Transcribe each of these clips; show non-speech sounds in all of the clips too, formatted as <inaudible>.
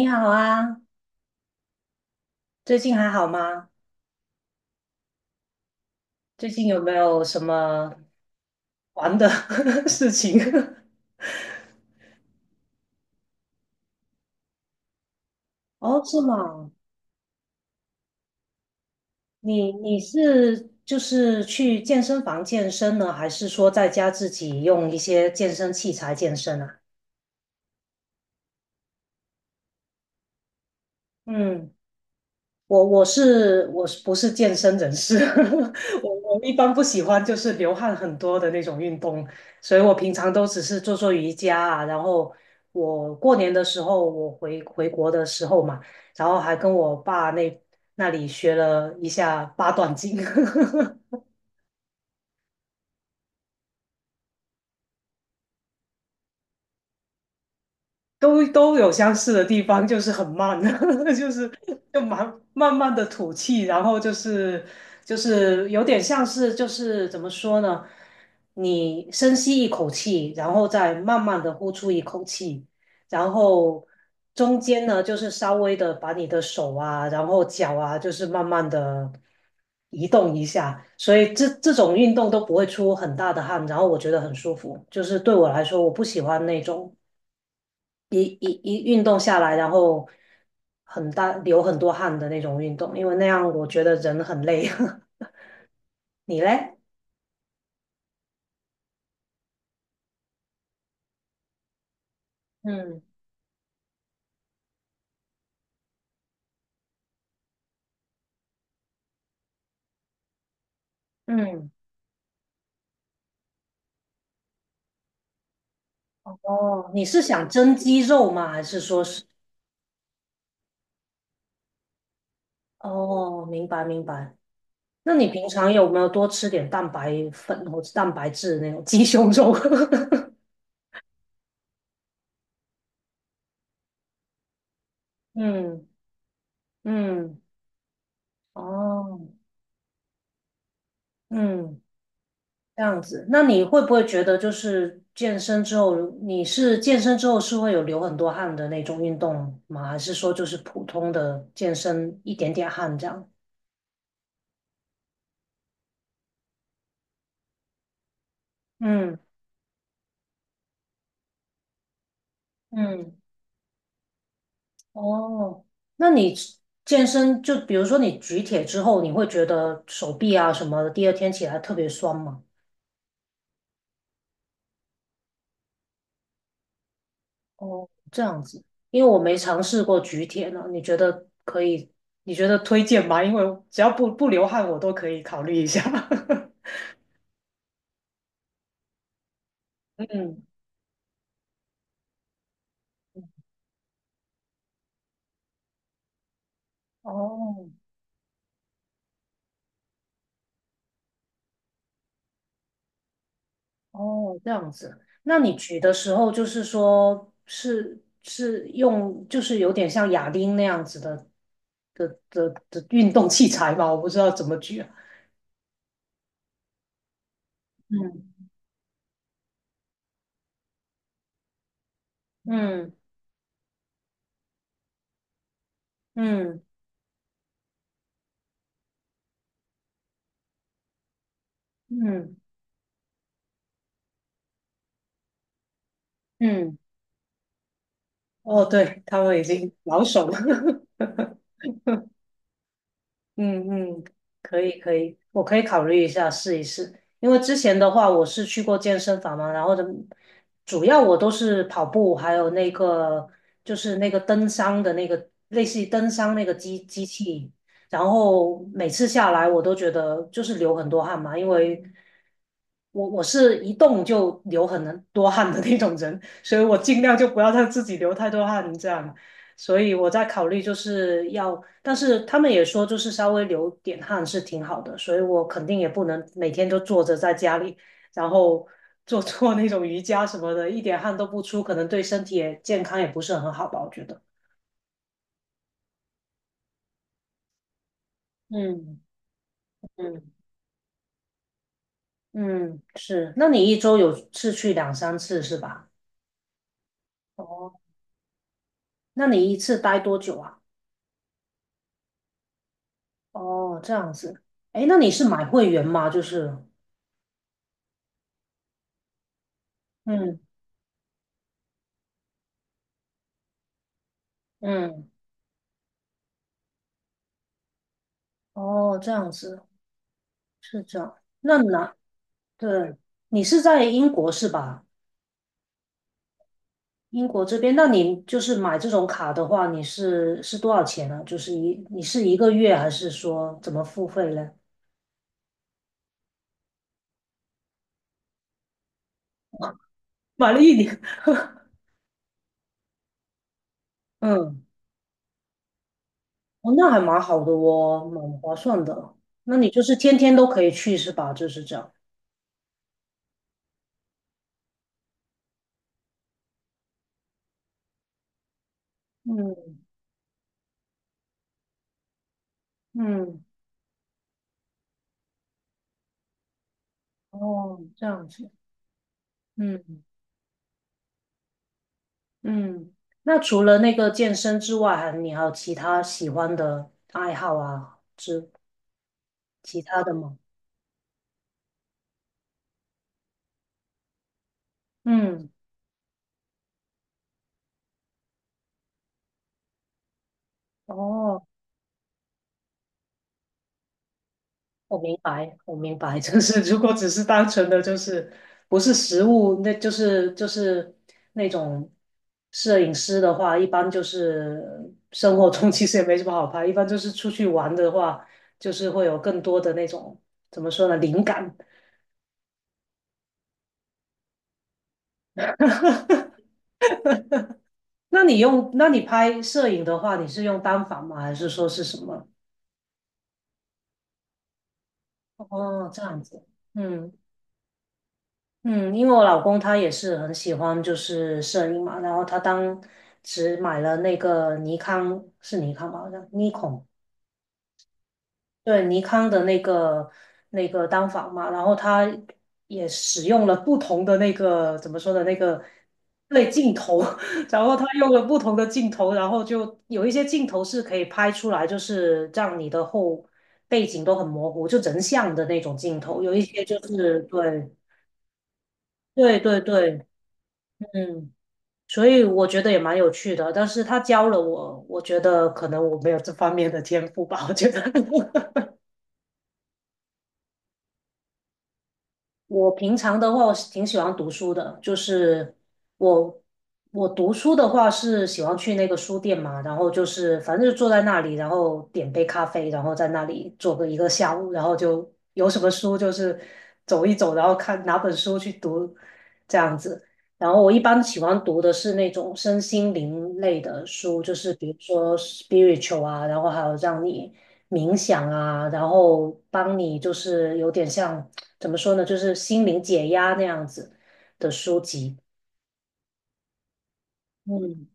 你好啊，最近还好吗？最近有没有什么玩的 <laughs> 事情？<laughs> 哦，是吗？你是就是去健身房健身呢，还是说在家自己用一些健身器材健身啊？嗯。我我是我是不是健身人士？<laughs> 我一般不喜欢就是流汗很多的那种运动，所以我平常都只是做做瑜伽啊。然后我过年的时候，我回国的时候嘛，然后还跟我爸那里学了一下八段锦。<laughs> 都有相似的地方，就是很慢，<laughs> 就是就慢慢慢的吐气，然后就是有点像是就是怎么说呢？你深吸一口气，然后再慢慢的呼出一口气，然后中间呢就是稍微的把你的手啊，然后脚啊，就是慢慢的移动一下，所以这种运动都不会出很大的汗，然后我觉得很舒服，就是对我来说，我不喜欢那种。一运动下来，然后很大流很多汗的那种运动，因为那样我觉得人很累。<laughs> 你嘞？嗯嗯，哦，你是想增肌肉吗？还是说是？哦，明白明白。那你平常有没有多吃点蛋白粉或者蛋白质那种鸡胸肉？<laughs> 嗯嗯，哦，嗯。这样子，那你会不会觉得就是健身之后，你是健身之后是会有流很多汗的那种运动吗？还是说就是普通的健身一点点汗这样？嗯嗯，哦，那你健身就比如说你举铁之后，你会觉得手臂啊什么的，第二天起来特别酸吗？哦，这样子，因为我没尝试过举铁呢，你觉得可以？你觉得推荐吗？因为只要不流汗，我都可以考虑一下。<laughs> 嗯。哦哦，这样子。那你举的时候，就是说，是用，就是有点像哑铃那样子的运动器材吧？我不知道怎么举啊。嗯嗯嗯嗯嗯，哦，对，他们已经老手了。<laughs> 嗯，可以可以，我可以考虑一下试一试。因为之前的话，我是去过健身房嘛，然后的主要我都是跑步，还有那个就是那个登山的那个类似于登山那个机器，然后每次下来我都觉得就是流很多汗嘛，因为我是一动就流很多汗的那种人，所以我尽量就不要让自己流太多汗，这样。所以我在考虑就是要，但是他们也说就是稍微流点汗是挺好的，所以我肯定也不能每天都坐着在家里，然后 <laughs> 做做那种瑜伽什么的，一点汗都不出，可能对身体也健康也不是很好吧，我觉得。嗯嗯嗯，是。那你一周有次去两三次是吧？哦，那你一次待多久啊？哦，这样子。哎，那你是买会员吗？就是，嗯嗯，哦，这样子是这样。那哪对，你是在英国是吧？英国这边，那你就是买这种卡的话，你是多少钱呢？就是一你是一个月还是说怎么付费呢？买了一年，<laughs> 嗯，哦，那还蛮好的哦，蛮划算的。那你就是天天都可以去是吧？就是这样。嗯嗯，哦，这样子，嗯嗯。那除了那个健身之外，还你还有其他喜欢的爱好啊，之其他的吗？嗯。哦，我明白，我明白，<laughs> 就是如果只是单纯的就是不是食物，那就是那种摄影师的话，一般就是生活中其实也没什么好拍，一般就是出去玩的话，就是会有更多的那种怎么说呢，灵感。<laughs> 那你用，那你拍摄影的话，你是用单反吗？还是说是什么？哦，这样子，嗯。嗯，因为我老公他也是很喜欢就是摄影嘛，然后他当时买了那个尼康，是尼康吧，好像尼康，对，尼康的那个那个单反嘛，然后他也使用了不同的那个怎么说的那个对镜头，<laughs> 然后他用了不同的镜头，然后就有一些镜头是可以拍出来，就是让你的后背景都很模糊，就人像的那种镜头，有一些就是对，嗯。所以我觉得也蛮有趣的，但是他教了我，我觉得可能我没有这方面的天赋吧，我觉得。<laughs> 我平常的话，我是挺喜欢读书的，就是我我读书的话是喜欢去那个书店嘛，然后就是反正就坐在那里，然后点杯咖啡，然后在那里坐个一个下午，然后就有什么书就是走一走，然后看哪本书去读这样子。然后我一般喜欢读的是那种身心灵类的书，就是比如说 spiritual 啊，然后还有让你冥想啊，然后帮你就是有点像。怎么说呢，就是心灵解压那样子的书籍。嗯，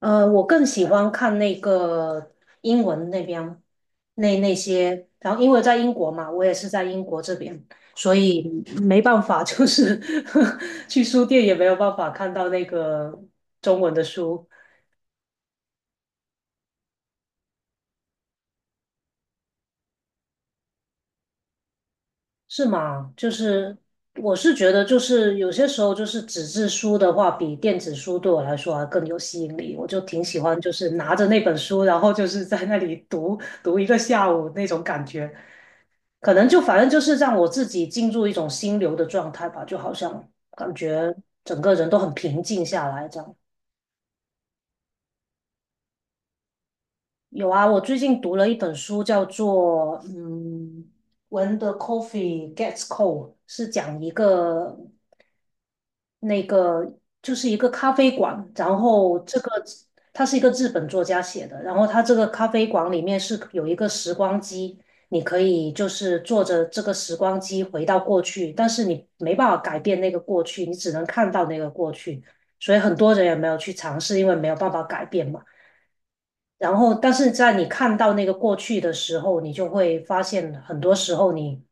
我更喜欢看那个英文那边那些，然后因为在英国嘛，我也是在英国这边，所以没办法，就是 <laughs> 去书店也没有办法看到那个中文的书，是吗？就是我是觉得，就是有些时候，就是纸质书的话，比电子书对我来说还更有吸引力。我就挺喜欢，就是拿着那本书，然后就是在那里读读一个下午那种感觉。可能就反正就是让我自己进入一种心流的状态吧，就好像感觉整个人都很平静下来这样。有啊，我最近读了一本书，叫做嗯。When the coffee gets cold 是讲一个那个就是一个咖啡馆，然后这个它是一个日本作家写的，然后它这个咖啡馆里面是有一个时光机，你可以就是坐着这个时光机回到过去，但是你没办法改变那个过去，你只能看到那个过去，所以很多人也没有去尝试，因为没有办法改变嘛。然后，但是在你看到那个过去的时候，你就会发现，很多时候你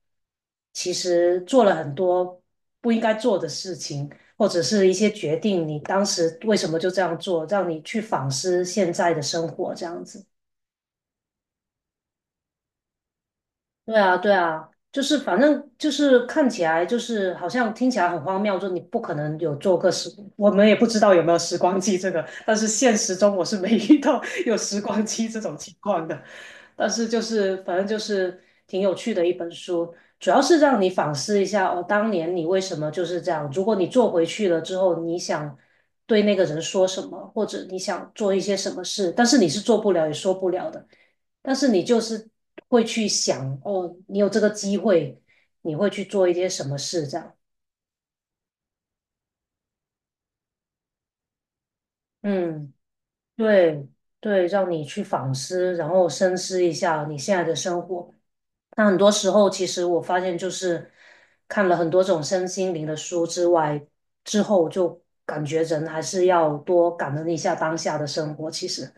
其实做了很多不应该做的事情，或者是一些决定，你当时为什么就这样做，让你去反思现在的生活，这样子。对啊，对啊，就是反正就是看起来就是好像听起来很荒谬，就你不可能有做个时，我们也不知道有没有时光机这个，但是现实中我是没 <laughs> 遇到有时光机这种情况的。但是就是反正就是挺有趣的一本书，主要是让你反思一下哦，当年你为什么就是这样？如果你做回去了之后，你想对那个人说什么，或者你想做一些什么事，但是你是做不了也说不了的。但是你就是会去想，哦，你有这个机会，你会去做一些什么事，这样，嗯，对对，让你去反思，然后深思一下你现在的生活。那很多时候，其实我发现就是看了很多种身心灵的书之外，之后就感觉人还是要多感恩一下当下的生活。其实，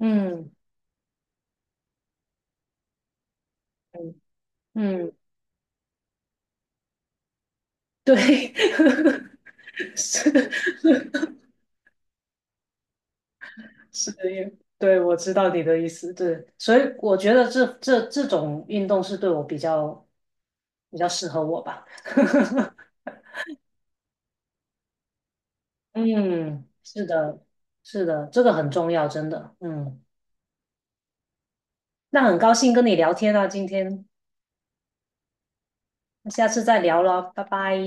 嗯嗯嗯，对，<laughs> 是是的，因为对，我知道你的意思，对，所以我觉得这种运动是对我比较适合我吧。<laughs> 嗯，是的，是的，这个很重要，真的。嗯，那很高兴跟你聊天啊，今天，那下次再聊了，拜拜。